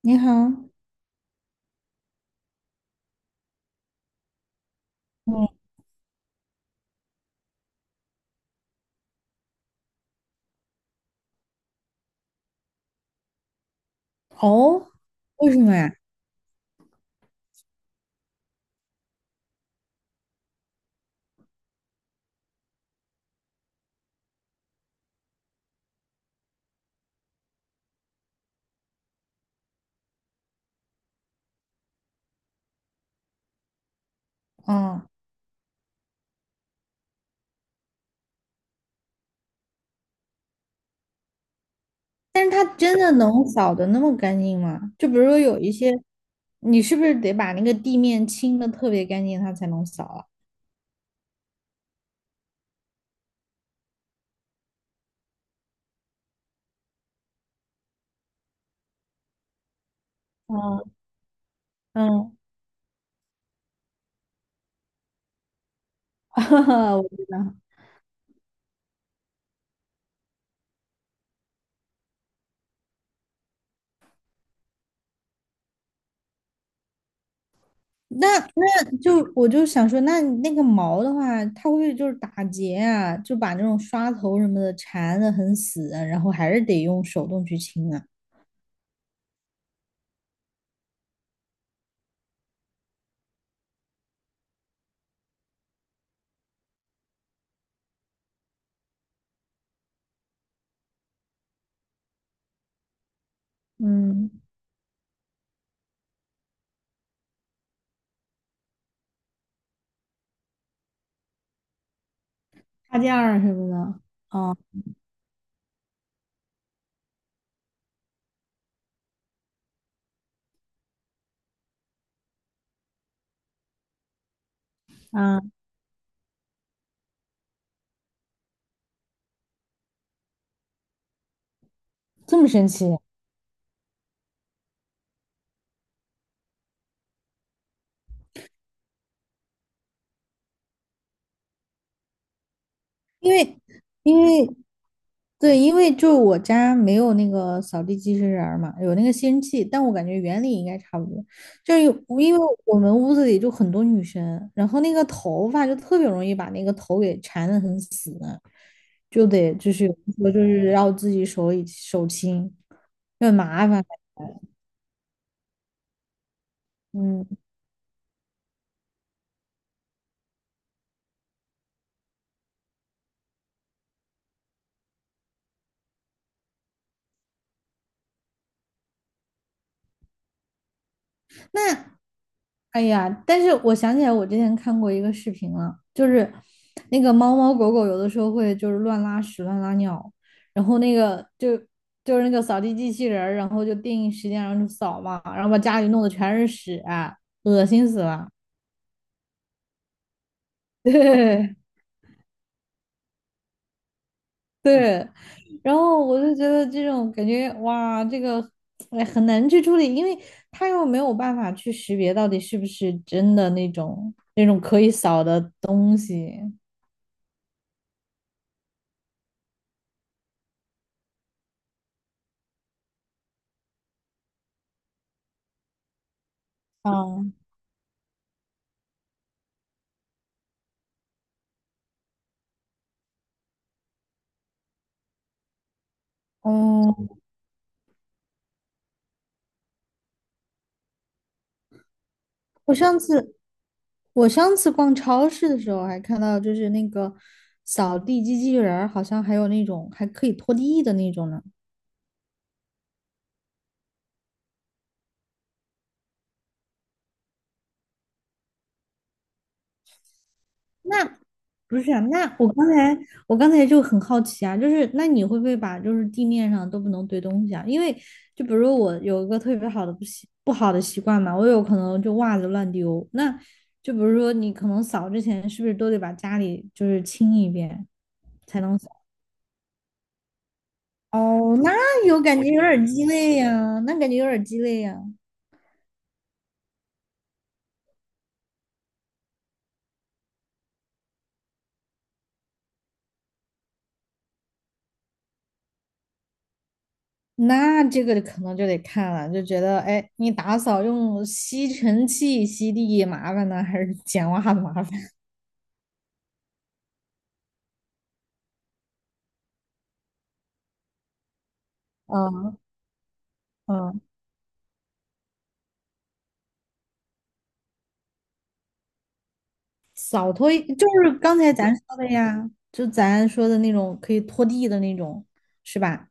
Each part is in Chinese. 你好，嗯，哦，为什么呀？哦，但是它真的能扫的那么干净吗？就比如说有一些，你是不是得把那个地面清的特别干净，它才能扫啊？嗯嗯，哈哈，我知道。那就我就想说，那个毛的话，它会不会就是打结啊？就把那种刷头什么的缠的很死啊，然后还是得用手动去清啊？嗯，插件儿什么的。哦，啊，这么神奇。因为因为对，因为就是我家没有那个扫地机器人儿嘛，有那个吸尘器，但我感觉原理应该差不多。就是有因为我们屋子里就很多女生，然后那个头发就特别容易把那个头给缠得很死，就得就是有的时候就是要自己手里手轻，就很麻烦。嗯。那，哎呀，但是我想起来，我之前看过一个视频了，就是那个猫猫狗狗有的时候会就是乱拉屎、乱拉尿，然后那个就是那个扫地机器人儿然后就定时间，然后就扫嘛，然后把家里弄得全是屎啊，恶心死了。对对，然后我就觉得这种感觉，哇，哎很难去处理，因为它又没有办法去识别到底是不是真的那种可以扫的东西。哦，哦，我上次我上次逛超市的时候还看到，就是那个扫地机器人儿，好像还有那种还可以拖地的那种呢。那不是啊，那我刚才就很好奇啊，就是那你会不会把就是地面上都不能堆东西啊？因为就比如说我有一个特别好的不好的习惯嘛，我有可能就袜子乱丢。那就比如说你可能扫之前是不是都得把家里就是清一遍才能？扫？哦，那有感觉有点儿鸡肋呀，那感觉有点儿鸡肋呀。那这个可能就得看了，就觉得，哎，你打扫用吸尘器吸地麻烦呢，还是捡袜子麻烦？嗯嗯，扫拖就是刚才咱说的呀，就咱说的那种可以拖地的那种，是吧？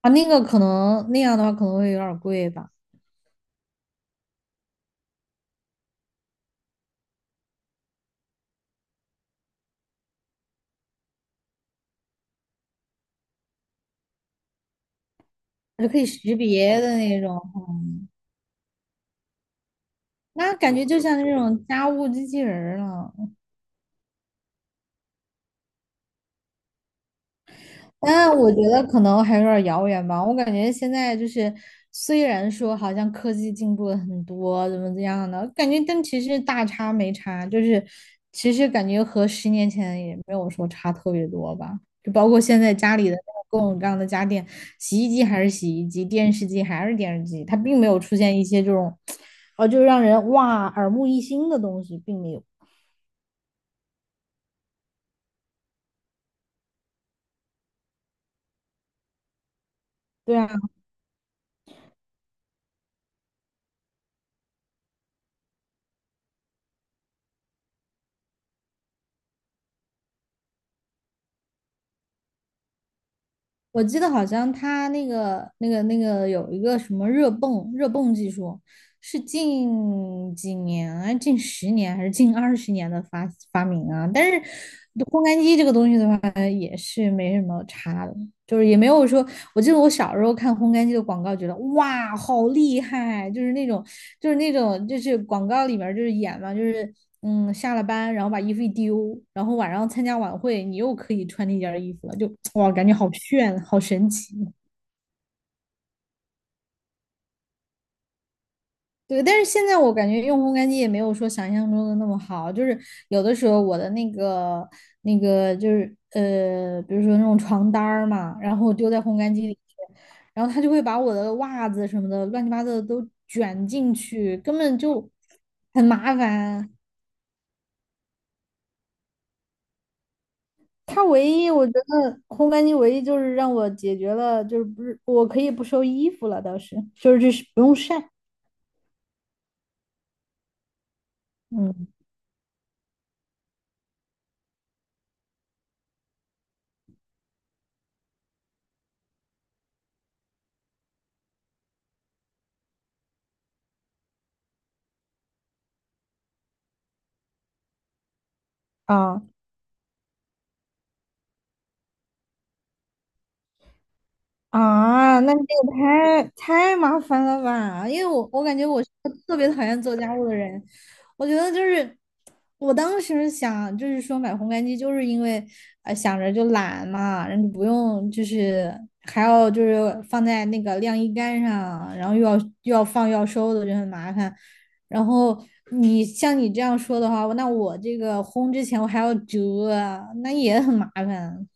啊，那个可能那样的话可能会有点儿贵吧，就可以识别的那种，那感觉就像那种家务机器人儿了。但我觉得可能还有点儿遥远吧。我感觉现在就是，虽然说好像科技进步了很多，怎么怎样的，感觉但其实大差没差，就是其实感觉和10年前也没有说差特别多吧。就包括现在家里的各种各样的家电，洗衣机还是洗衣机，电视机还是电视机，它并没有出现一些这种，就让人哇耳目一新的东西，并没有。对啊。我记得好像他那个有一个什么热泵技术，是近几年，啊，近10年还是近20年的发明啊？但是烘干机这个东西的话，也是没什么差的，就是也没有说。我记得我小时候看烘干机的广告，觉得哇，好厉害！就是那种广告里面就是演嘛，就是下了班然后把衣服一丢，然后晚上参加晚会你又可以穿那件衣服了，就哇感觉好炫，好神奇。对，但是现在我感觉用烘干机也没有说想象中的那么好，就是有的时候我的那个就是比如说那种床单儿嘛，然后丢在烘干机里去，然后它就会把我的袜子什么的乱七八糟的都卷进去，根本就很麻烦。它唯一我觉得烘干机唯一就是让我解决了，就是不是我可以不收衣服了，倒是就是不用晒。嗯啊。啊，那你这个太麻烦了吧？因为我感觉我是个特别讨厌做家务的人，我觉得就是我当时想就是说买烘干机，就是因为想着就懒嘛，然后就不用就是还要就是放在那个晾衣杆上，然后又要放又要收的就很麻烦。然后你像你这样说的话，那我这个烘之前我还要折啊那也很麻烦。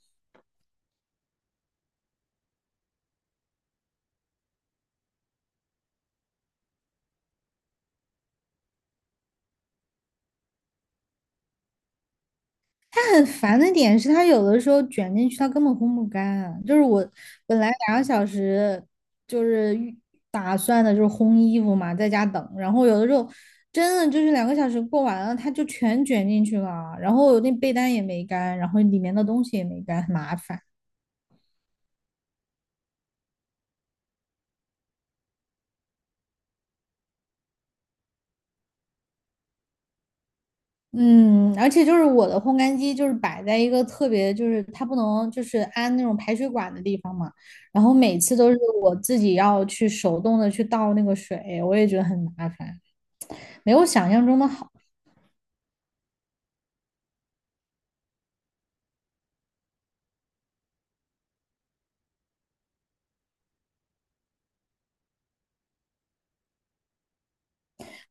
它很烦的点是，它有的时候卷进去，它根本烘不干啊。就是我本来两个小时就是打算的，就是烘衣服嘛，在家等。然后有的时候真的就是两个小时过完了，它就全卷进去了。然后那被单也没干，然后里面的东西也没干，很麻烦。嗯，而且就是我的烘干机就是摆在一个特别，就是它不能就是安那种排水管的地方嘛，然后每次都是我自己要去手动的去倒那个水，我也觉得很麻烦。没有想象中的好。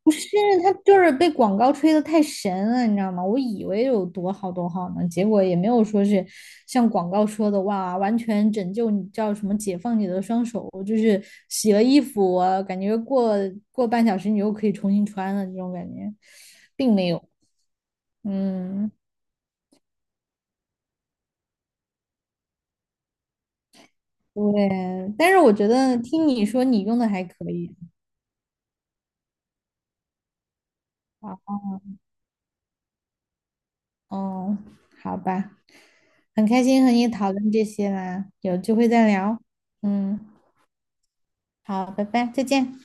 不是，他就是被广告吹得太神了，你知道吗？我以为有多好多好呢，结果也没有说是像广告说的哇，完全拯救你，叫什么解放你的双手，就是洗了衣服，啊感觉过半小时你又可以重新穿了这种感觉，并没有。嗯，对，但是我觉得听你说你用的还可以啊，哦，好吧，很开心和你讨论这些啦，有机会再聊。嗯。好，拜拜，再见。